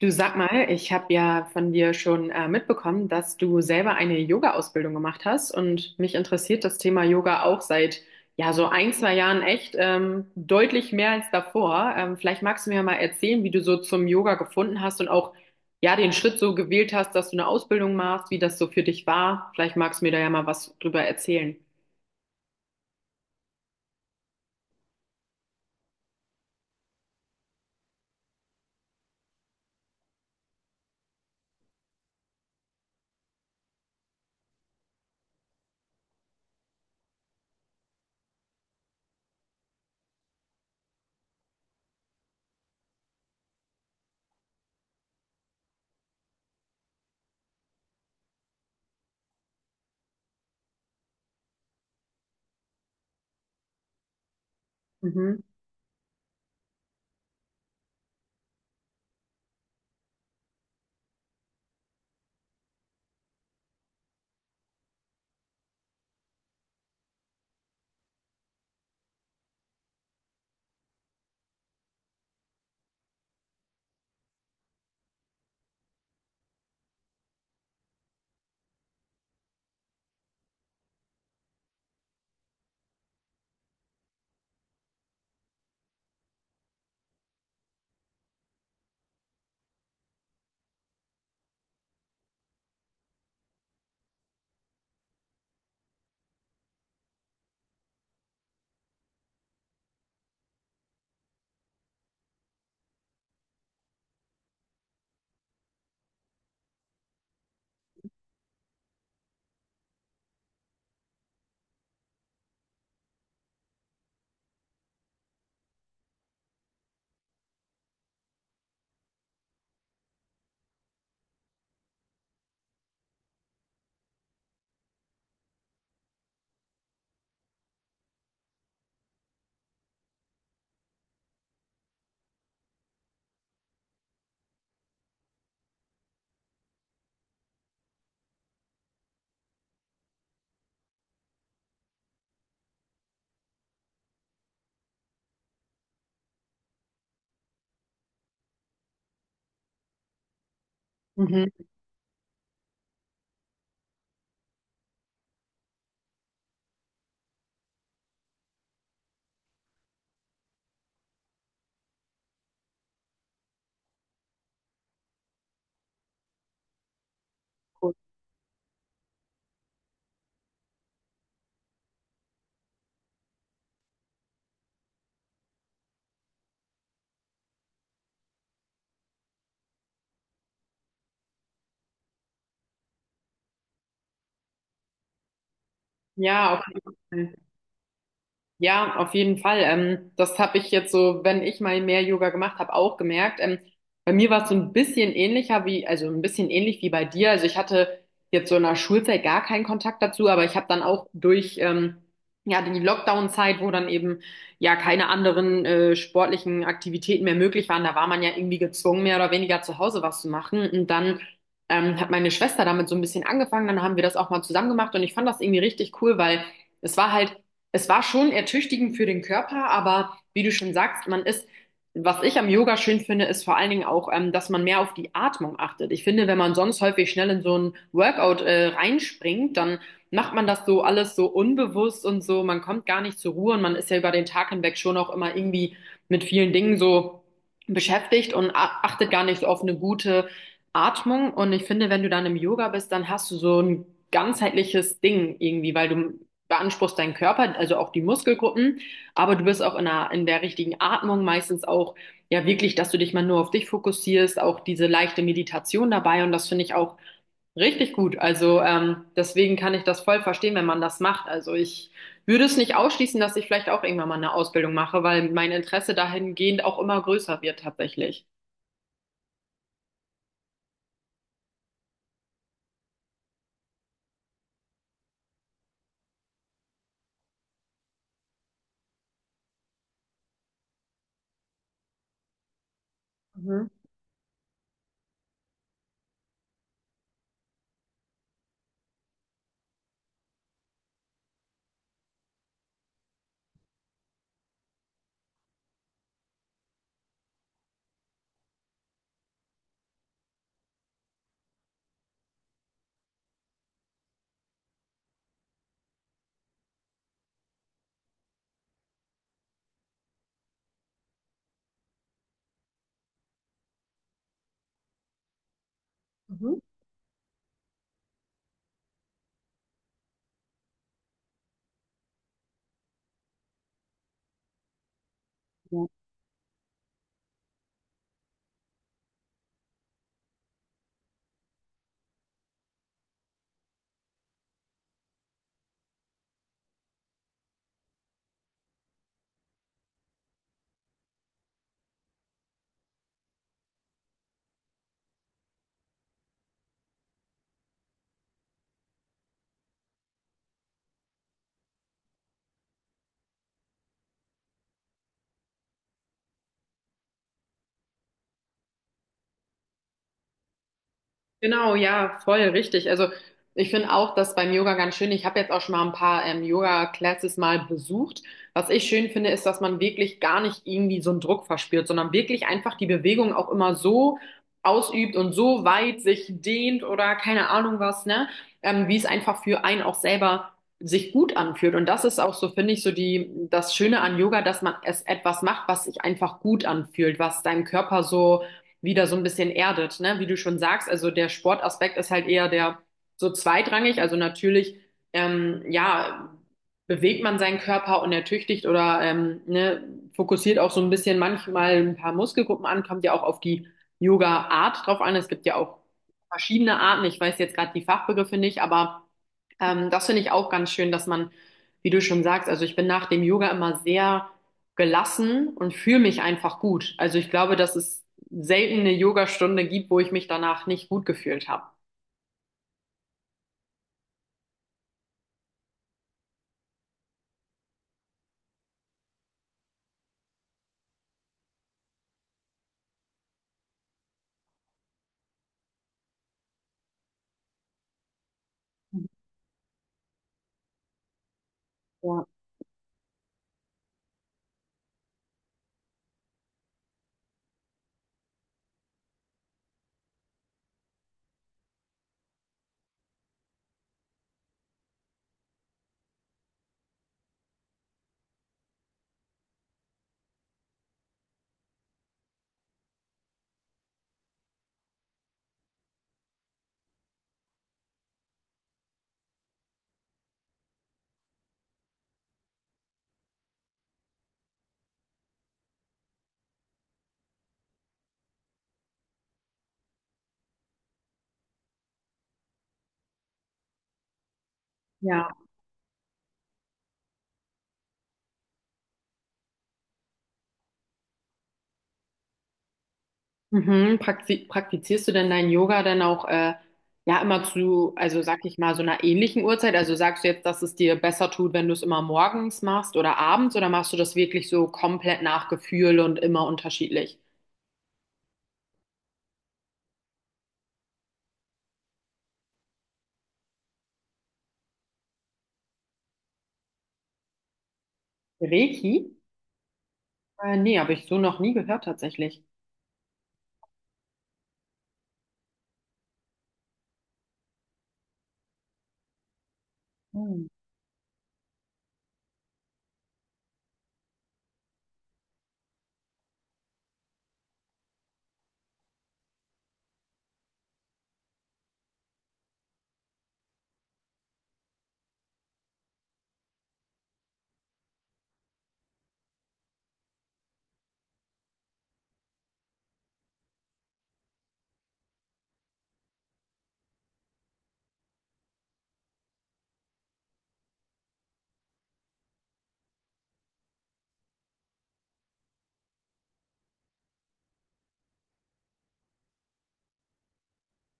Du, sag mal, ich habe ja von dir schon mitbekommen, dass du selber eine Yoga-Ausbildung gemacht hast und mich interessiert das Thema Yoga auch seit ja so ein, zwei Jahren echt deutlich mehr als davor. Vielleicht magst du mir mal erzählen, wie du so zum Yoga gefunden hast und auch ja den Schritt so gewählt hast, dass du eine Ausbildung machst, wie das so für dich war. Vielleicht magst du mir da ja mal was drüber erzählen. Mhm. Mhm. Cool. Ja, auf jeden Fall. Ja, auf jeden Fall. Das habe ich jetzt so, wenn ich mal mehr Yoga gemacht habe, auch gemerkt. Bei mir war es so ein bisschen ähnlicher wie, also ein bisschen ähnlich wie bei dir. Also ich hatte jetzt so in der Schulzeit gar keinen Kontakt dazu, aber ich habe dann auch durch ja die Lockdown-Zeit, wo dann eben ja keine anderen sportlichen Aktivitäten mehr möglich waren. Da war man ja irgendwie gezwungen, mehr oder weniger zu Hause was zu machen. Und dann hat meine Schwester damit so ein bisschen angefangen. Dann haben wir das auch mal zusammen gemacht und ich fand das irgendwie richtig cool, weil es war halt, es war schon ertüchtigend für den Körper, aber wie du schon sagst, man ist, was ich am Yoga schön finde, ist vor allen Dingen auch, dass man mehr auf die Atmung achtet. Ich finde, wenn man sonst häufig schnell in so ein Workout, reinspringt, dann macht man das so alles so unbewusst und so, man kommt gar nicht zur Ruhe und man ist ja über den Tag hinweg schon auch immer irgendwie mit vielen Dingen so beschäftigt und achtet gar nicht so auf eine gute Atmung. Und ich finde, wenn du dann im Yoga bist, dann hast du so ein ganzheitliches Ding irgendwie, weil du beanspruchst deinen Körper, also auch die Muskelgruppen, aber du bist auch in der richtigen Atmung meistens auch, ja, wirklich, dass du dich mal nur auf dich fokussierst, auch diese leichte Meditation dabei, und das finde ich auch richtig gut. Also deswegen kann ich das voll verstehen, wenn man das macht. Also ich würde es nicht ausschließen, dass ich vielleicht auch irgendwann mal eine Ausbildung mache, weil mein Interesse dahingehend auch immer größer wird tatsächlich. Mhm. Mhm. Genau, ja, voll richtig. Also ich finde auch das beim Yoga ganz schön. Ich habe jetzt auch schon mal ein paar Yoga-Classes mal besucht. Was ich schön finde, ist, dass man wirklich gar nicht irgendwie so einen Druck verspürt, sondern wirklich einfach die Bewegung auch immer so ausübt und so weit sich dehnt oder keine Ahnung was, ne? Wie es einfach für einen auch selber sich gut anfühlt. Und das ist auch so, finde ich, so die, das Schöne an Yoga, dass man es etwas macht, was sich einfach gut anfühlt, was deinem Körper so wieder so ein bisschen erdet, ne? Wie du schon sagst, also der Sportaspekt ist halt eher der so zweitrangig. Also natürlich, ja, bewegt man seinen Körper und ertüchtigt oder ne, fokussiert auch so ein bisschen manchmal ein paar Muskelgruppen an, kommt ja auch auf die Yoga-Art drauf an. Es gibt ja auch verschiedene Arten. Ich weiß jetzt gerade die Fachbegriffe nicht, aber das finde ich auch ganz schön, dass man, wie du schon sagst, also ich bin nach dem Yoga immer sehr gelassen und fühle mich einfach gut. Also ich glaube, dass es selten eine Yogastunde gibt, wo ich mich danach nicht gut gefühlt habe. Ja. Ja. Mhm. Praktizierst du denn dein Yoga dann auch ja immer zu, also sag ich mal, so einer ähnlichen Uhrzeit? Also sagst du jetzt, dass es dir besser tut, wenn du es immer morgens machst oder abends, oder machst du das wirklich so komplett nach Gefühl und immer unterschiedlich? Reiki? Nee, habe ich so noch nie gehört tatsächlich. Hm.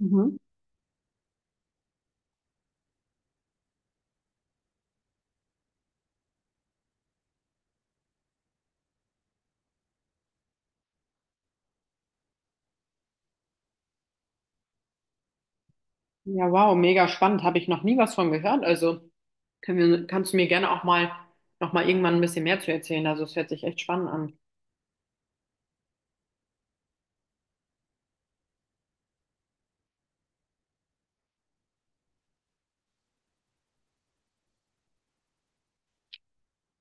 Mhm. Ja, wow, mega spannend. Habe ich noch nie was von gehört. Also können wir, kannst du mir gerne auch mal noch mal irgendwann ein bisschen mehr zu erzählen. Also es hört sich echt spannend an.